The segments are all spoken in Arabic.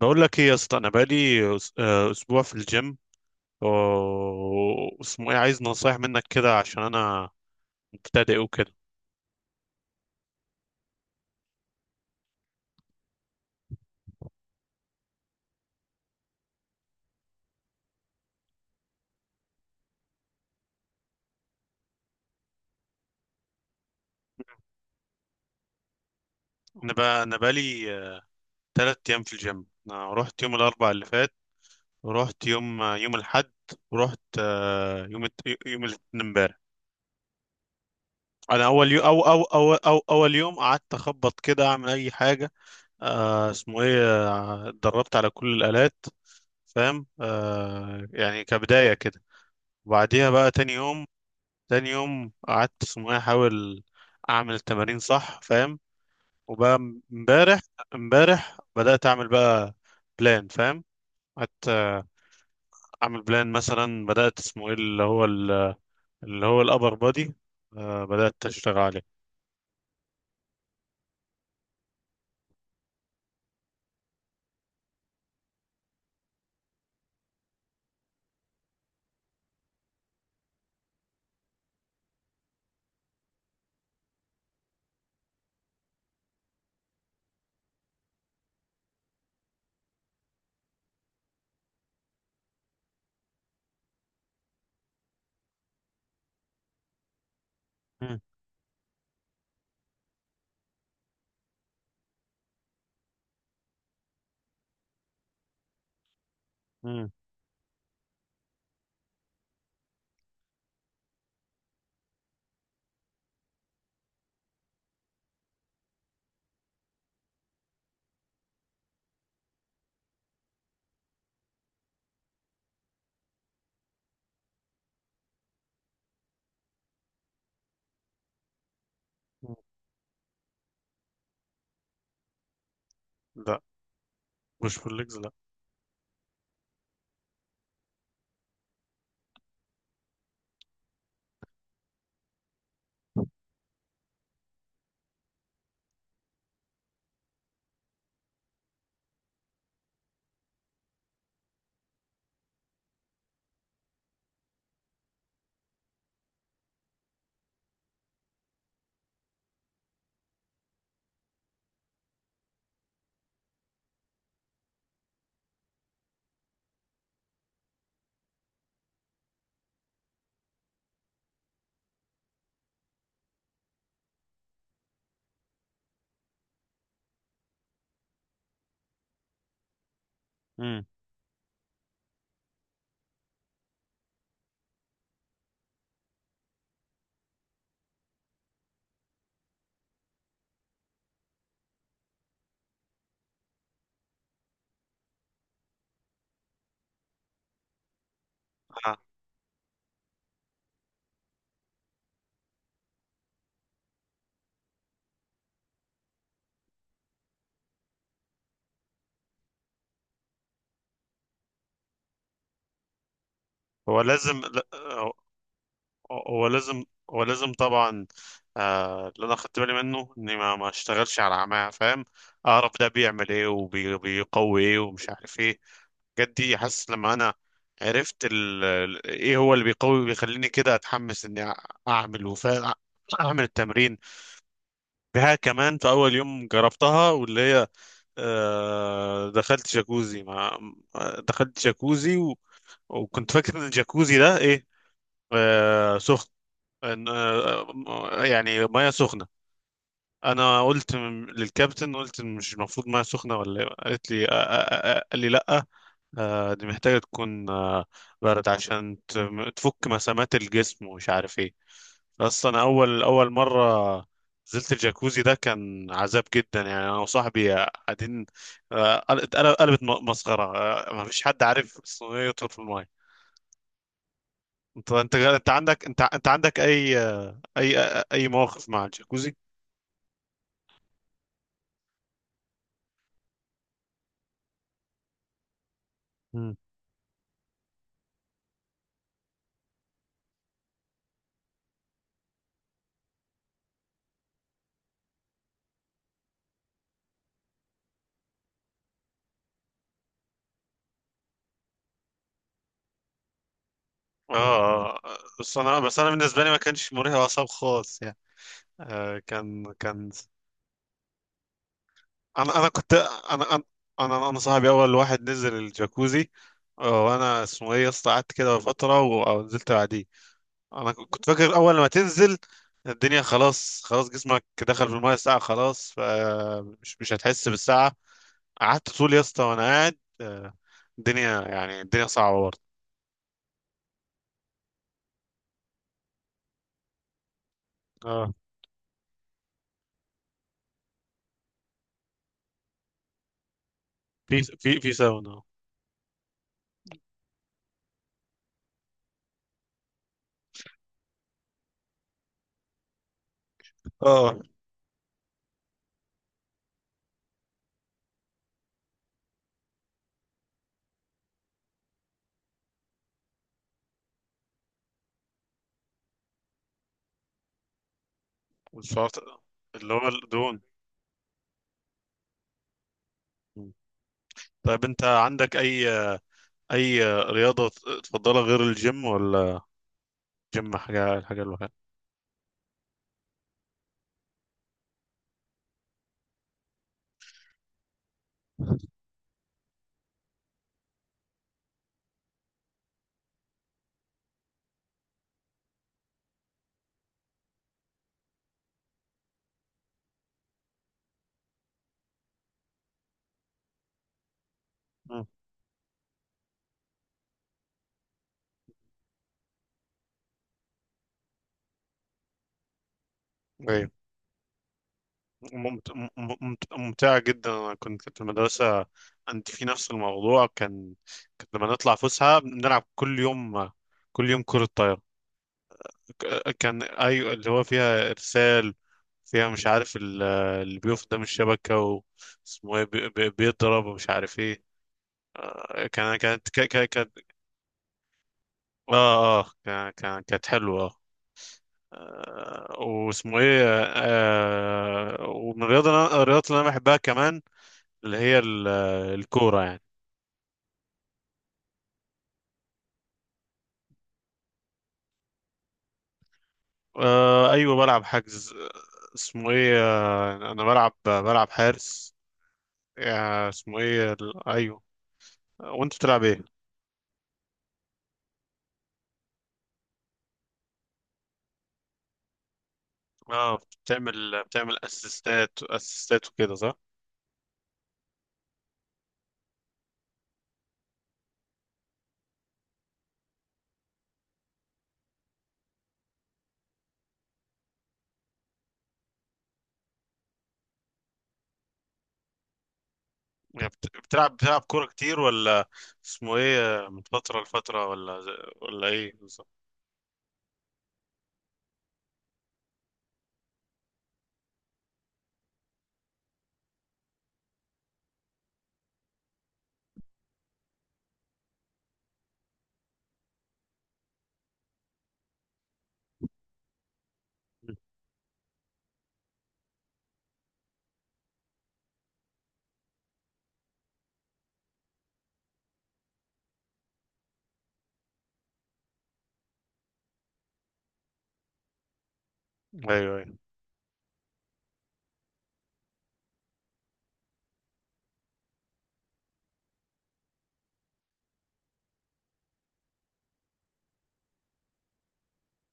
بقول لك ايه يا اسطى، انا بقالي اسبوع في الجيم و- واسمه ايه. عايز نصايح منك كده عشان انا مبتدئ وكده. انا بقالي ثلاث ايام في الجيم. انا رحت يوم الاربعاء اللي فات، ورحت يوم الاحد، ورحت يوم الاثنين امبارح. انا اول يوم أو أو, او او اول يوم قعدت اخبط كده، اعمل اي حاجه. آه، اسمه ايه آه، اتدربت على كل الالات، فاهم، يعني كبدايه كده. وبعديها بقى تاني يوم، تاني يوم قعدت اسمه إيه، احاول اعمل التمارين صح، فاهم. وبقى امبارح، امبارح بدأت اعمل بقى بلان، فاهم. قعدت اعمل بلان. مثلا بدأت اسمه ايه اللي هو ال- اللي هو الابر بودي، بدأت اشتغل عليه. مم، مم، مم. لا، مش بول ليجز، لا. مم. آه. هو لازم لا هو لازم، هو لازم طبعا. آه، اللي انا خدت بالي منه اني ما اشتغلش على عماه، فاهم. اعرف ده بيعمل ايه وبيقوي ايه ومش عارف ايه، الحاجات دي. حاسس لما انا عرفت ايه هو اللي بيقوي، بيخليني كده اتحمس اني اعمل وفا، اعمل التمرين بها كمان. في اول يوم جربتها واللي هي دخلت جاكوزي ما دخلت جاكوزي وكنت فاكر ان الجاكوزي ده ايه، سخن. ان يعني ميه سخنه. انا قلت للكابتن، قلت مش المفروض ميه سخنه ولا إيه؟ قالت لي قال لي لا، دي محتاجه تكون برد عشان تفك مسامات الجسم ومش عارف ايه. بس انا اول مره نزلت الجاكوزي ده كان عذاب جدا، يعني انا وصاحبي قاعدين. قلبت مسخره. ما فيش حد عارف الصينيه يطول في الميه. انت عندك اي مواقف مع الجاكوزي؟ مم. اه. بس انا بالنسبه لي ما كانش مرهق اعصاب خالص، يعني. كان. انا انا كنت انا انا انا, أنا صاحبي اول واحد نزل الجاكوزي. وانا اسمه ايه يا اسطى قعدت كده فتره ونزلت بعديه. انا كنت فاكر اول ما تنزل الدنيا خلاص، خلاص جسمك دخل في المايه الساعه، خلاص فمش مش هتحس بالساعه. قعدت طول يا اسطى وانا قاعد، الدنيا يعني الدنيا صعبه برضه. اه. في ساونا. اه. والشاطئ. اللي هو الدهون. مم. طيب انت عندك اي اي رياضة تفضلها غير الجيم ولا جيم حاجة، الحاجة الوحيدة؟ مم. ايوه. ممتعة جدا. انا كنت في المدرسة، انت في نفس الموضوع، كان كنت لما نطلع فسحة بنلعب كل يوم، كل يوم كرة طايرة. كان، ايوه، اللي هو فيها ارسال، فيها مش عارف اللي بيقف قدام الشبكة. واسمه ايه، بيضرب ومش عارف ايه. كانت. اه اه، كانت حلوة. آه، واسمه ايه آه، ومن الرياضة الرياضات اللي انا بحبها كمان اللي هي الكورة يعني. ايوه، بلعب حجز. آه، اسمه ايه آه، انا بلعب حارس. ايوه. وانت بتلعب ايه؟ اه. بتعمل اسيستات، اسيستات وكده، صح؟ يعني بتلعب، كورة كتير، ولا اسمه ايه من فترة لفترة، ولا ولا ايه بالظبط؟ ايوه، ايوه.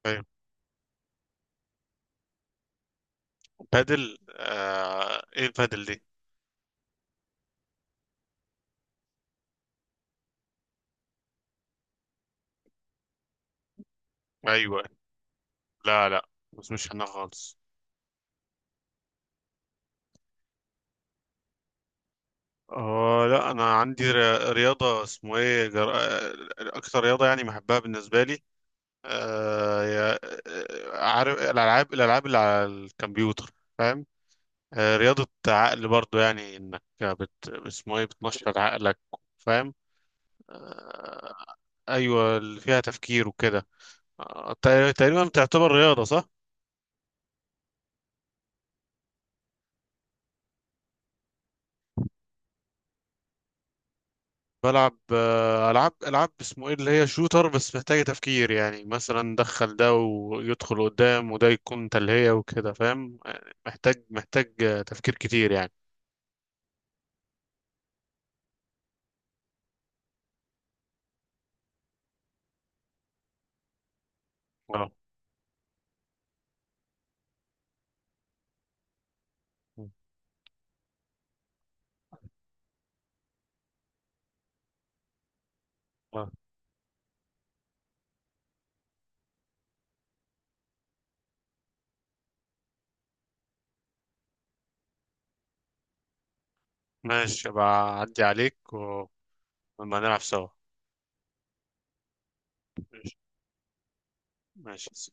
ايوه. بادل؟ آه، ايه البادل دي؟ ايوه. لا لا، بس مش انا خالص. اه، لا، انا عندي رياضة، اسمه ايه جر... آه، اكتر رياضة يعني بحبها بالنسبة لي. آه يا- عارف الالعاب، اللي على الكمبيوتر، فاهم. آه، رياضة عقل برضو، يعني انك بت... اسمه ايه بتنشط عقلك، فاهم. ايوه، اللي فيها تفكير وكده. تقريبا تعتبر رياضه، صح؟ بلعب العاب، اسمه ايه اللي هي شوتر، بس محتاجه تفكير. يعني مثلا دخل ده ويدخل قدام وده يكون تلهيه وكده، فاهم. يعني محتاج محتاج آه، تفكير كتير يعني. اه. آه. ماشي، ابقى اعدي عليك ولما نلعب سوا. ماشي. ماشي.